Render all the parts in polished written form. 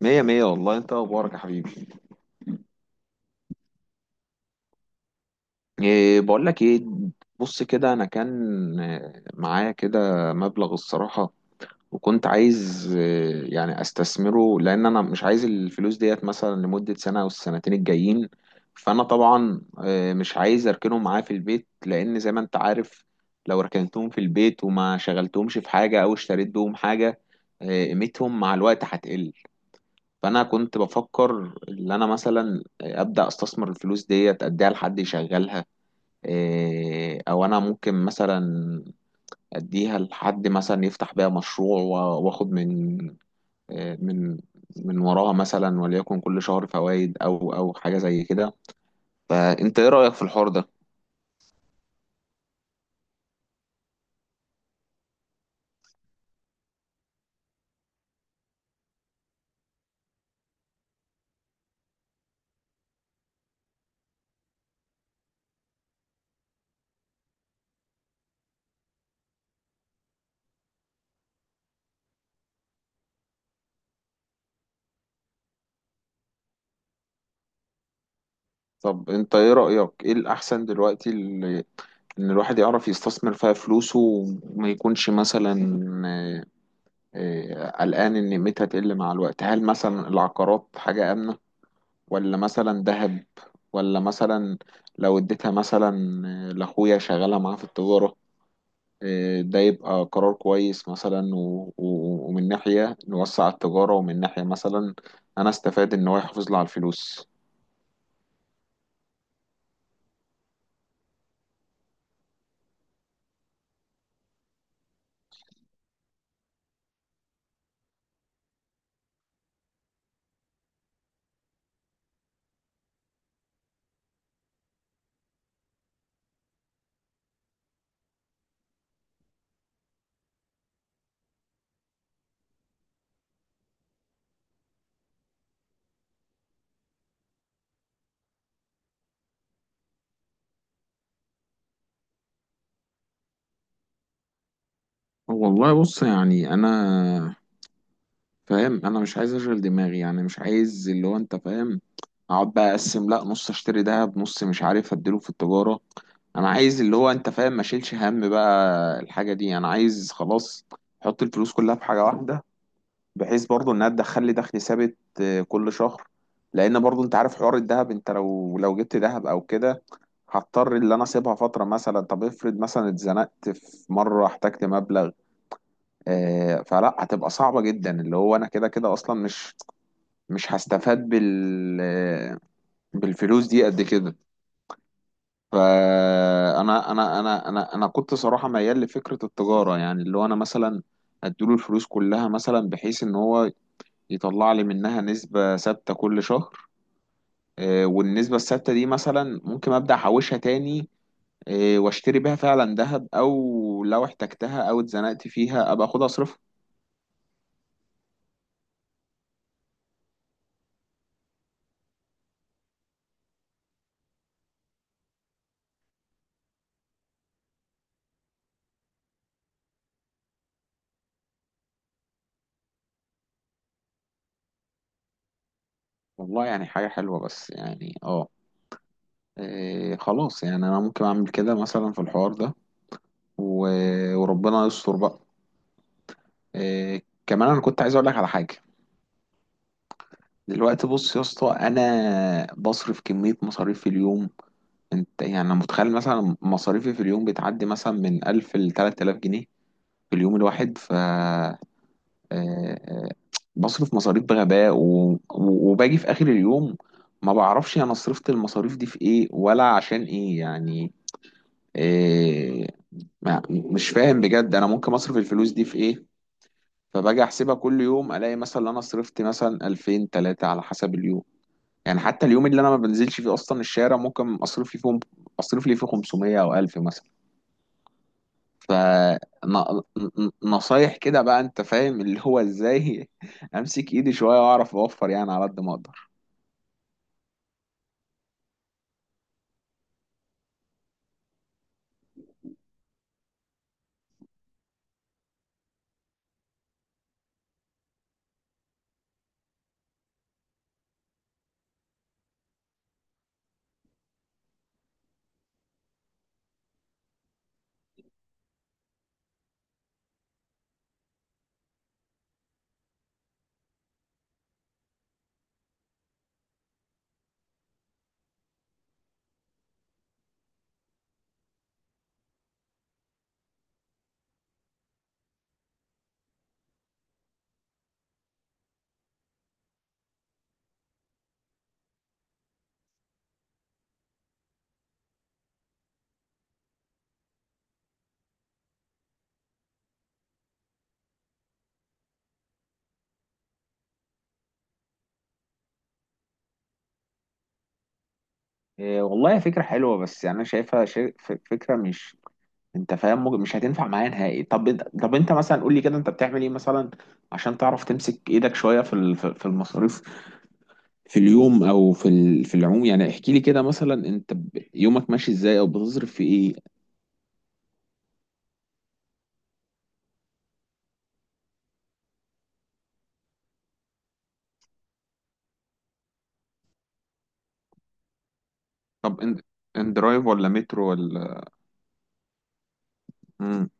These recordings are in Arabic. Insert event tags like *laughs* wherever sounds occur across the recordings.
مية مية، والله. انت اخبارك يا حبيبي؟ بقول لك ايه. بص كده انا كان معايا كده مبلغ الصراحة. وكنت عايز يعني استثمره لان انا مش عايز الفلوس ديت مثلا لمدة سنة او السنتين الجايين. فانا طبعا مش عايز اركنهم معايا في البيت، لان زي ما انت عارف لو ركنتهم في البيت وما شغلتهمش في حاجة او اشتريت بهم حاجة، قيمتهم مع الوقت هتقل. فانا كنت بفكر ان انا مثلا ابدا استثمر الفلوس ديت، اديها لحد يشغلها. او انا ممكن مثلا اديها لحد مثلا يفتح بيها مشروع و- واخد من إيه، من من وراها مثلا، وليكن كل شهر فوائد او حاجه زي كده. فانت ايه رايك في الحوار ده؟ طب انت ايه رايك، ايه الاحسن دلوقتي ان الواحد يعرف يستثمر فيها فلوسه وما يكونش مثلا آه، إيه، قلقان إن قيمتها تقل مع الوقت؟ هل مثلا العقارات حاجة آمنة، ولا مثلا ذهب، ولا مثلا لو اديتها مثلا لأخويا شغالها معاه في التجارة، ده يبقى قرار كويس مثلا؟ و... و... ومن ناحية نوسع التجارة، ومن ناحية مثلا أنا استفاد إن هو يحافظ لي على الفلوس. والله بص، يعني انا فاهم، انا مش عايز اشغل دماغي، يعني مش عايز اللي هو انت فاهم اقعد بقى اقسم، لا نص اشتري دهب نص مش عارف اديله في التجارة. انا عايز اللي هو انت فاهم ما اشيلش هم بقى الحاجة دي، انا عايز خلاص احط الفلوس كلها في حاجة واحدة، بحيث برضو انها تدخل لي دخل ثابت كل شهر. لان برضو انت عارف حوار الدهب، انت لو جبت دهب او كده هضطر اللي انا اسيبها فترة. مثلا طب افرض مثلا اتزنقت في مرة احتجت مبلغ، فلا هتبقى صعبة جدا. اللي هو انا كده كده اصلا مش هستفاد بالفلوس دي قد كده. فانا انا انا انا انا كنت صراحه ميال لفكره التجاره، يعني اللي هو انا مثلا اديله الفلوس كلها مثلا بحيث ان هو يطلع لي منها نسبه ثابته كل شهر. والنسبه الثابته دي مثلا ممكن ابدا احوشها تاني، واشتري بيها فعلا ذهب، او لو احتجتها او اتزنقت فيها ابقى اخدها اصرفها. والله يعني حاجه حلوه، بس يعني اه خلاص. يعني انا ممكن اعمل كده مثلا في الحوار ده، و- وربنا يستر بقى. كمان انا كنت عايز اقول لك على حاجه. دلوقتي بص يا اسطى، انا بصرف كميه مصاريف في اليوم. انت يعني انا متخيل مثلا مصاريفي في اليوم بتعدي مثلا من 1000 ل 3000 جنيه في اليوم الواحد، ف آه، آه، بصرف مصاريف بغباء، و... و- وباجي في اخر اليوم ما بعرفش انا صرفت المصاريف دي في ايه ولا عشان ايه يعني. إيه... ما... مش فاهم بجد انا ممكن اصرف الفلوس دي في ايه. فباجي احسبها كل يوم الاقي مثلا ان انا صرفت مثلا 2000 3 على حسب اليوم. يعني حتى اليوم اللي انا ما بنزلش فيه اصلا الشارع، ممكن اصرف لي فيه 500 او 1000 مثلا. ف نصايح كده بقى، انت فاهم اللي هو ازاي *laughs* امسك ايدي شويه واعرف اوفر يعني على قد ما اقدر. إيه والله فكره حلوه، بس يعني انا شايفها فكره مش، انت فاهم مش هتنفع معايا نهائي. طب انت مثلا قول لي كده، انت بتعمل ايه مثلا عشان تعرف تمسك ايدك شويه في في المصاريف في اليوم، او في في العموم. يعني احكي لي كده مثلا، انت يومك ماشي ازاي او بتصرف في ايه؟ طب ان درايف ولا مترو ولا؟ امم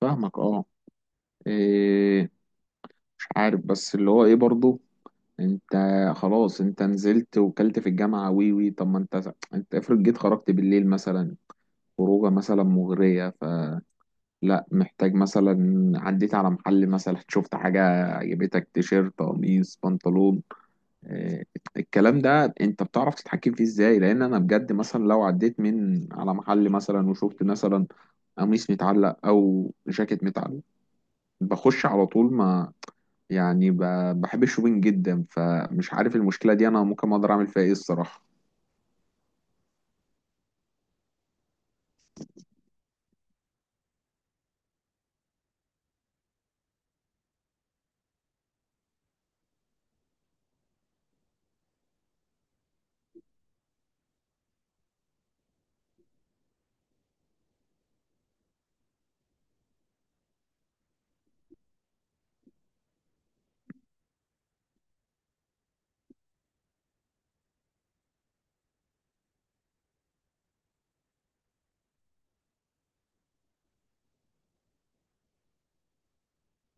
فاهمك اه. إيه مش عارف بس اللي هو ايه برضو انت خلاص، انت نزلت وكلت في الجامعة وي وي. طب ما انت افرض جيت خرجت بالليل مثلا، خروجة مثلا مغرية، فلا محتاج مثلا، عديت على محل مثلا شفت حاجة عجبتك، تيشيرت قميص بنطلون، آه، الكلام ده انت بتعرف تتحكم فيه ازاي؟ لان انا بجد مثلا لو عديت من على محل مثلا وشفت مثلا قميص متعلق او جاكيت متعلق، بخش على طول ما. يعني بحب الشوبينج جدا، فمش عارف المشكلة دي انا ممكن اقدر اعمل فيها ايه الصراحة.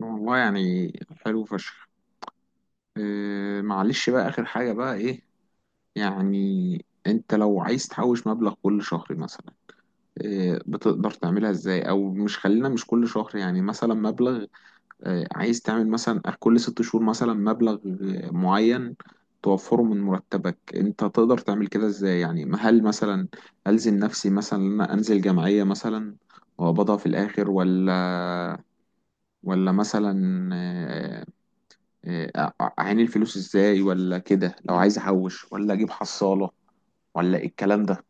والله يعني حلو فشخ. إيه معلش بقى، آخر حاجة بقى. إيه، يعني أنت لو عايز تحوش مبلغ كل شهر مثلا، إيه بتقدر تعملها إزاي؟ أو مش، خلينا مش كل شهر، يعني مثلا مبلغ عايز تعمل مثلا كل ست شهور مثلا مبلغ معين توفره من مرتبك، انت تقدر تعمل كده ازاي يعني؟ ما هل مثلا ألزم نفسي مثلا ان انا انزل جمعية مثلا وأقبضها في الآخر، ولا ولا مثلا آه، أعين الفلوس ازاي، ولا كده لو عايز أحوش ولا أجيب حصالة، ولا إيه الكلام ده؟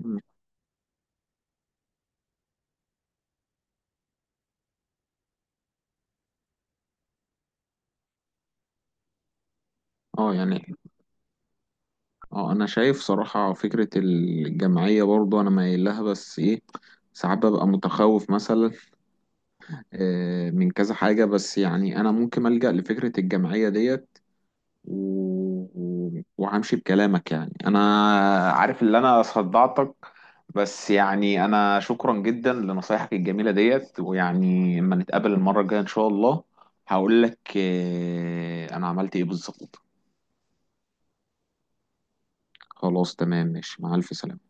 مم. اه يعني، اه انا شايف صراحة فكرة الجمعية، برضو انا مايل لها، بس ايه ساعات ببقى متخوف مثلا من كذا حاجة. بس يعني أنا ممكن ألجأ لفكرة الجمعية ديت، و... و- وهمشي بكلامك. يعني أنا عارف اللي أنا صدعتك، بس يعني أنا شكرا جدا لنصايحك الجميلة ديت. ويعني لما نتقابل المرة الجاية إن شاء الله هقول لك أنا عملت إيه بالظبط. خلاص تمام ماشي، مع ألف سلامة.